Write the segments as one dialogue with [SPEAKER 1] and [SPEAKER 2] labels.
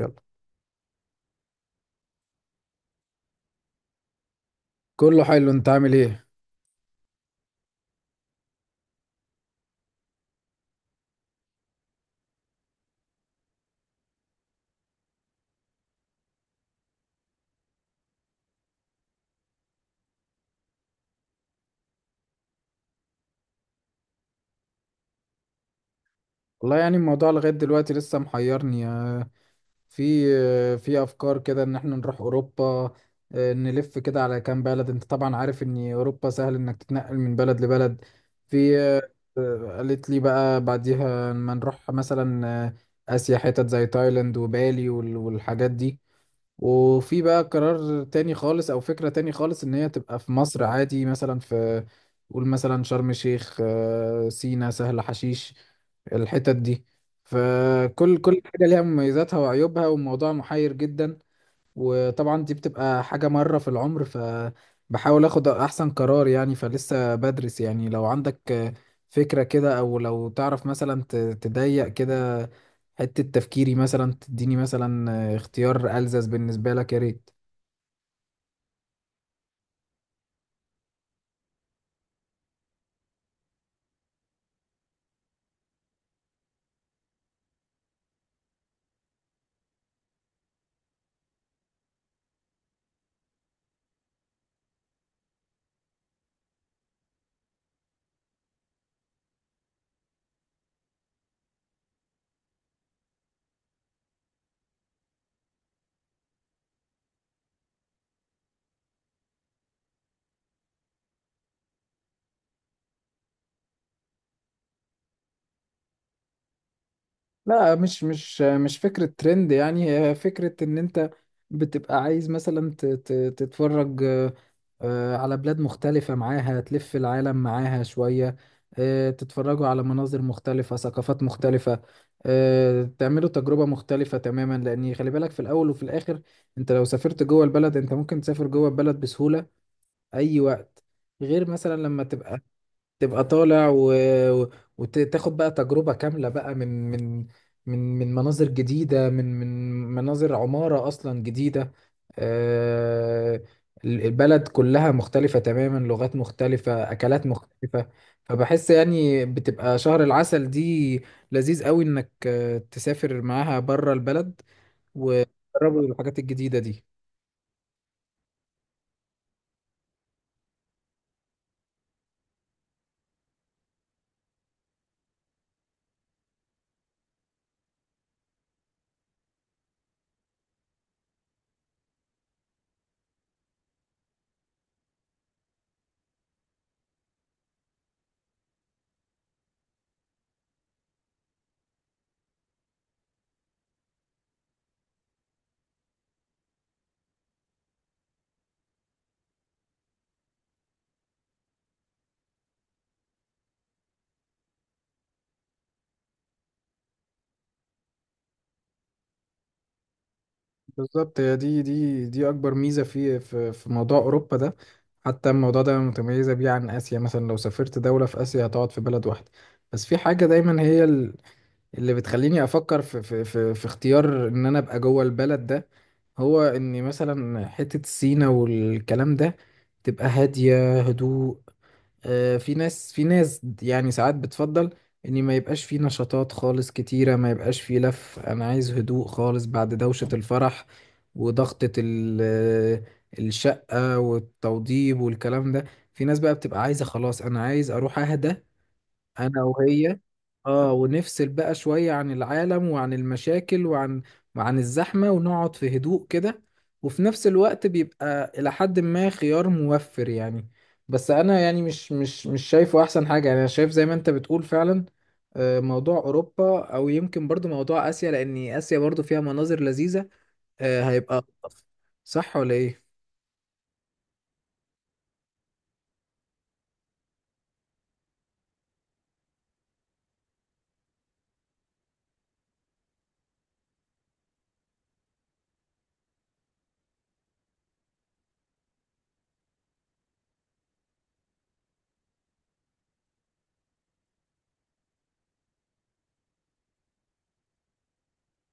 [SPEAKER 1] يلا، كله حلو. انت عامل ايه؟ والله يعني الموضوع لغاية دلوقتي لسه محيرني يعني. في في افكار كده ان احنا نروح اوروبا، اه، نلف كده على كام بلد. انت طبعا عارف ان اوروبا سهل انك تتنقل من بلد لبلد. في اه، قالت لي بقى بعديها ما نروح مثلا اه، اسيا، حتت زي تايلاند وبالي والحاجات دي. وفي بقى قرار تاني خالص او فكرة تاني خالص ان هي تبقى في مصر عادي، مثلا في قول مثلا شرم الشيخ، سينا، سهل حشيش، الحتت دي. فكل حاجة ليها مميزاتها وعيوبها، والموضوع محير جدا. وطبعا دي بتبقى حاجة مرة في العمر، فبحاول اخد احسن قرار يعني. فلسه بدرس يعني. لو عندك فكرة كده او لو تعرف مثلا تضيق كده حتة تفكيري مثلا، تديني مثلا اختيار ألزز بالنسبة لك، يا ريت. لا، مش فكرة ترند يعني. هي فكرة ان انت بتبقى عايز مثلا تتفرج، على بلاد مختلفة، معاها تلف العالم معاها شوية، تتفرجوا على مناظر مختلفة، ثقافات مختلفة، تعملوا تجربة مختلفة تماما. لأن خلي بالك في الأول وفي الآخر، أنت لو سافرت جوه البلد، أنت ممكن تسافر جوه البلد بسهولة أي وقت. غير مثلا لما تبقى تبقى طالع و- وتاخد بقى تجربة كاملة بقى، من مناظر جديدة، من مناظر عمارة أصلا جديدة. آه، البلد كلها مختلفة تماما، لغات مختلفة، أكلات مختلفة. فبحس يعني بتبقى شهر العسل دي لذيذ قوي إنك تسافر معاها بره البلد وتجربوا الحاجات الجديدة دي. بالظبط، هي دي اكبر ميزه في موضوع اوروبا ده. حتى الموضوع ده متميزه بيه عن اسيا، مثلا لو سافرت دوله في اسيا هتقعد في بلد واحده. بس في حاجه دايما هي اللي بتخليني افكر في اختيار ان انا ابقى جوه البلد ده، هو ان مثلا حته سينا والكلام ده تبقى هاديه، هدوء. في ناس، في ناس، يعني ساعات بتفضل ان ما يبقاش في نشاطات خالص كتيرة، ما يبقاش في لف. انا عايز هدوء خالص بعد دوشة الفرح وضغطة الشقة والتوضيب والكلام ده. في ناس بقى بتبقى عايزة خلاص، انا عايز اروح اهدى انا وهي، اه، ونفصل بقى شوية عن العالم وعن المشاكل وعن الزحمة، ونقعد في هدوء كده. وفي نفس الوقت بيبقى إلى حد ما خيار موفر يعني. بس أنا يعني مش شايفه أحسن حاجة يعني. أنا شايف زي ما أنت بتقول فعلا، موضوع أوروبا، أو يمكن برضو موضوع آسيا، لأن آسيا برضو فيها مناظر لذيذة، هيبقى ألطف. صح ولا إيه؟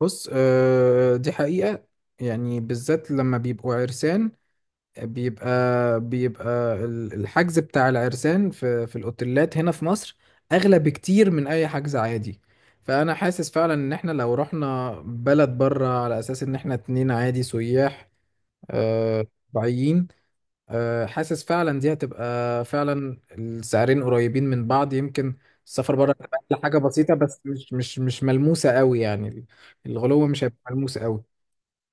[SPEAKER 1] بص، دي حقيقة، يعني بالذات لما بيبقوا عرسان بيبقى بيبقى الحجز بتاع العرسان في الاوتيلات هنا في مصر اغلى بكتير من اي حجز عادي. فانا حاسس فعلا ان احنا لو رحنا بلد بره على اساس ان احنا اتنين عادي سياح، آه، طبيعيين، حاسس فعلا دي هتبقى فعلا السعرين قريبين من بعض. يمكن السفر بره هتبقى حاجة بسيطة، بس مش ملموسة قوي يعني. الغلو مش هيبقى ملموس قوي،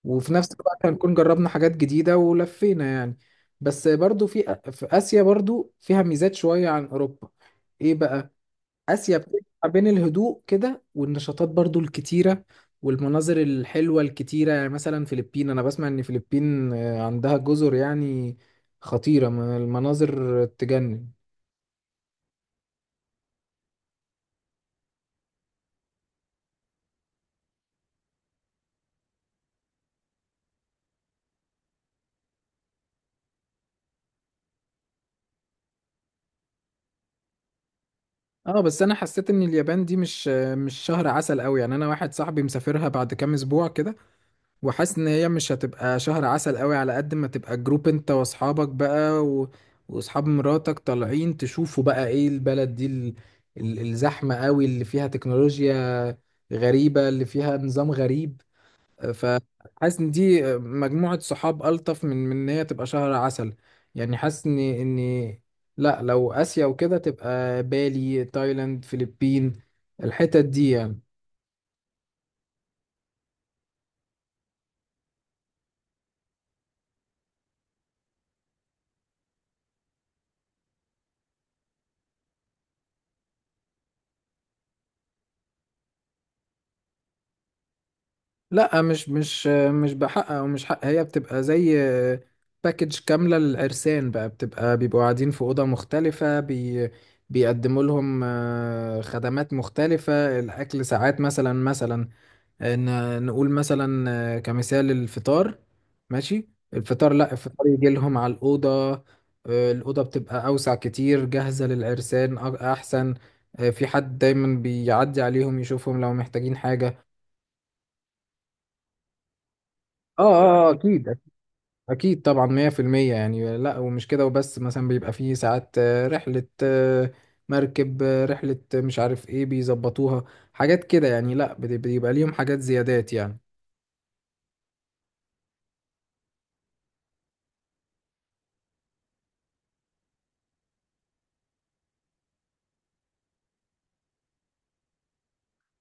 [SPEAKER 1] وفي نفس الوقت هنكون جربنا حاجات جديدة ولفينا يعني. بس برضو في في آسيا برضو فيها ميزات شوية عن أوروبا. إيه بقى؟ آسيا بتجمع بين الهدوء كده والنشاطات برضو الكتيرة والمناظر الحلوة الكتيرة يعني. مثلا فلبين، أنا بسمع إن فلبين عندها جزر يعني خطيرة، من المناظر تجنن. اه بس انا حسيت ان اليابان دي مش مش شهر عسل قوي يعني. انا واحد صاحبي مسافرها بعد كام اسبوع كده، وحاسس ان هي مش هتبقى شهر عسل قوي، على قد ما تبقى جروب انت واصحابك بقى واصحاب مراتك طالعين تشوفوا بقى ايه البلد دي، الزحمة قوي اللي فيها، تكنولوجيا غريبة اللي فيها، نظام غريب. فحاسس ان دي مجموعة صحاب ألطف من ان هي تبقى شهر عسل يعني. حاسس ان لا، لو آسيا وكده، تبقى بالي، تايلاند، فلبين، الحتت دي يعني. لا، مش بحق او مش حق. هي بتبقى زي باكج كامله للعرسان بقى، بتبقى بيبقوا قاعدين في اوضه مختلفه، بيقدموا لهم، خدمات مختلفه. الاكل ساعات مثلا نقول مثلا، كمثال الفطار، ماشي، الفطار، لا، الفطار يجي لهم على الاوضه. الاوضه بتبقى اوسع كتير، جاهزه للعرسان، احسن. في حد دايما بيعدي عليهم يشوفهم لو محتاجين حاجه. اكيد، أكيد طبعا، 100% يعني. لأ، ومش كده وبس، مثلا بيبقى فيه ساعات رحلة مركب، رحلة، مش عارف إيه بيظبطوها، حاجات كده يعني. لأ، بيبقى ليهم حاجات زيادات يعني.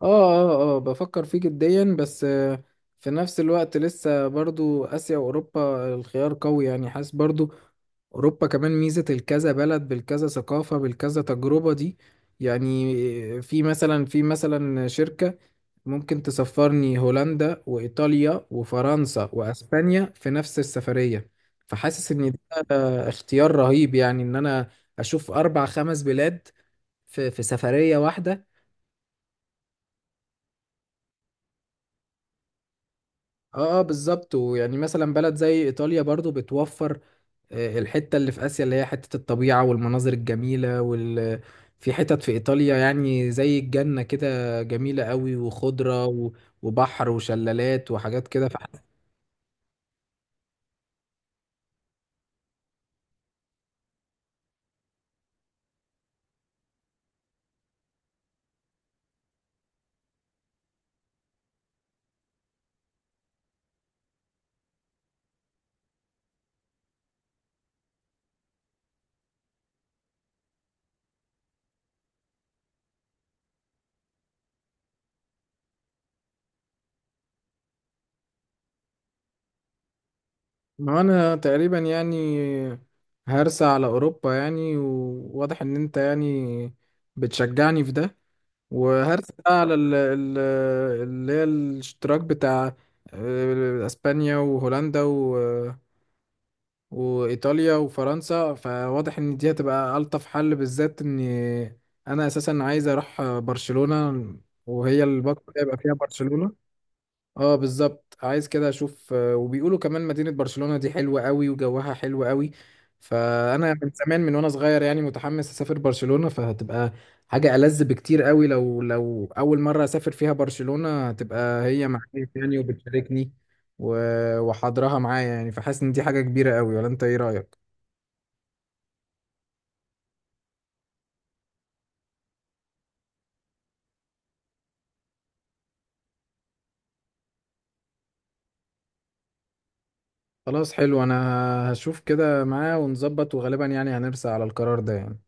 [SPEAKER 1] آه بفكر فيه جديا، بس في نفس الوقت لسه برضو آسيا وأوروبا الخيار قوي يعني. حاسس برضو أوروبا كمان ميزة الكذا بلد بالكذا ثقافة بالكذا تجربة دي يعني. في مثلا، في مثلا شركة ممكن تسفرني هولندا وإيطاليا وفرنسا وأسبانيا في نفس السفرية. فحاسس إن ده اختيار رهيب يعني، إن أنا أشوف أربع خمس بلاد في سفرية واحدة. بالظبط. ويعني مثلا بلد زي إيطاليا برضو بتوفر الحتة اللي في آسيا، اللي هي حتة الطبيعة والمناظر الجميلة، وال، في حتت في إيطاليا يعني زي الجنة كده، جميلة قوي، وخضرة وبحر وشلالات وحاجات كده. ما انا تقريبا يعني هرسى على اوروبا يعني. وواضح ان انت يعني بتشجعني في ده. وهرسى بقى على اللي هي الاشتراك بتاع اسبانيا وهولندا وايطاليا وفرنسا. فواضح ان دي هتبقى الطف حل، بالذات ان انا اساسا عايز اروح برشلونة، وهي البطولة هيبقى فيها برشلونة. اه بالظبط، عايز كده اشوف، وبيقولوا كمان مدينة برشلونة دي حلوة قوي، وجوها حلو قوي. فانا من زمان، من وانا صغير يعني، متحمس اسافر برشلونة. فهتبقى حاجة ألذ بكتير قوي. لو لو اول مرة اسافر فيها برشلونة هتبقى هي معايا يعني، وبتشاركني وحاضرها معايا يعني. فحاسس ان دي حاجة كبيرة قوي. ولا انت ايه رأيك؟ خلاص، حلو. انا هشوف كده معاه ونظبط، وغالبا يعني هنرسى على القرار ده يعني.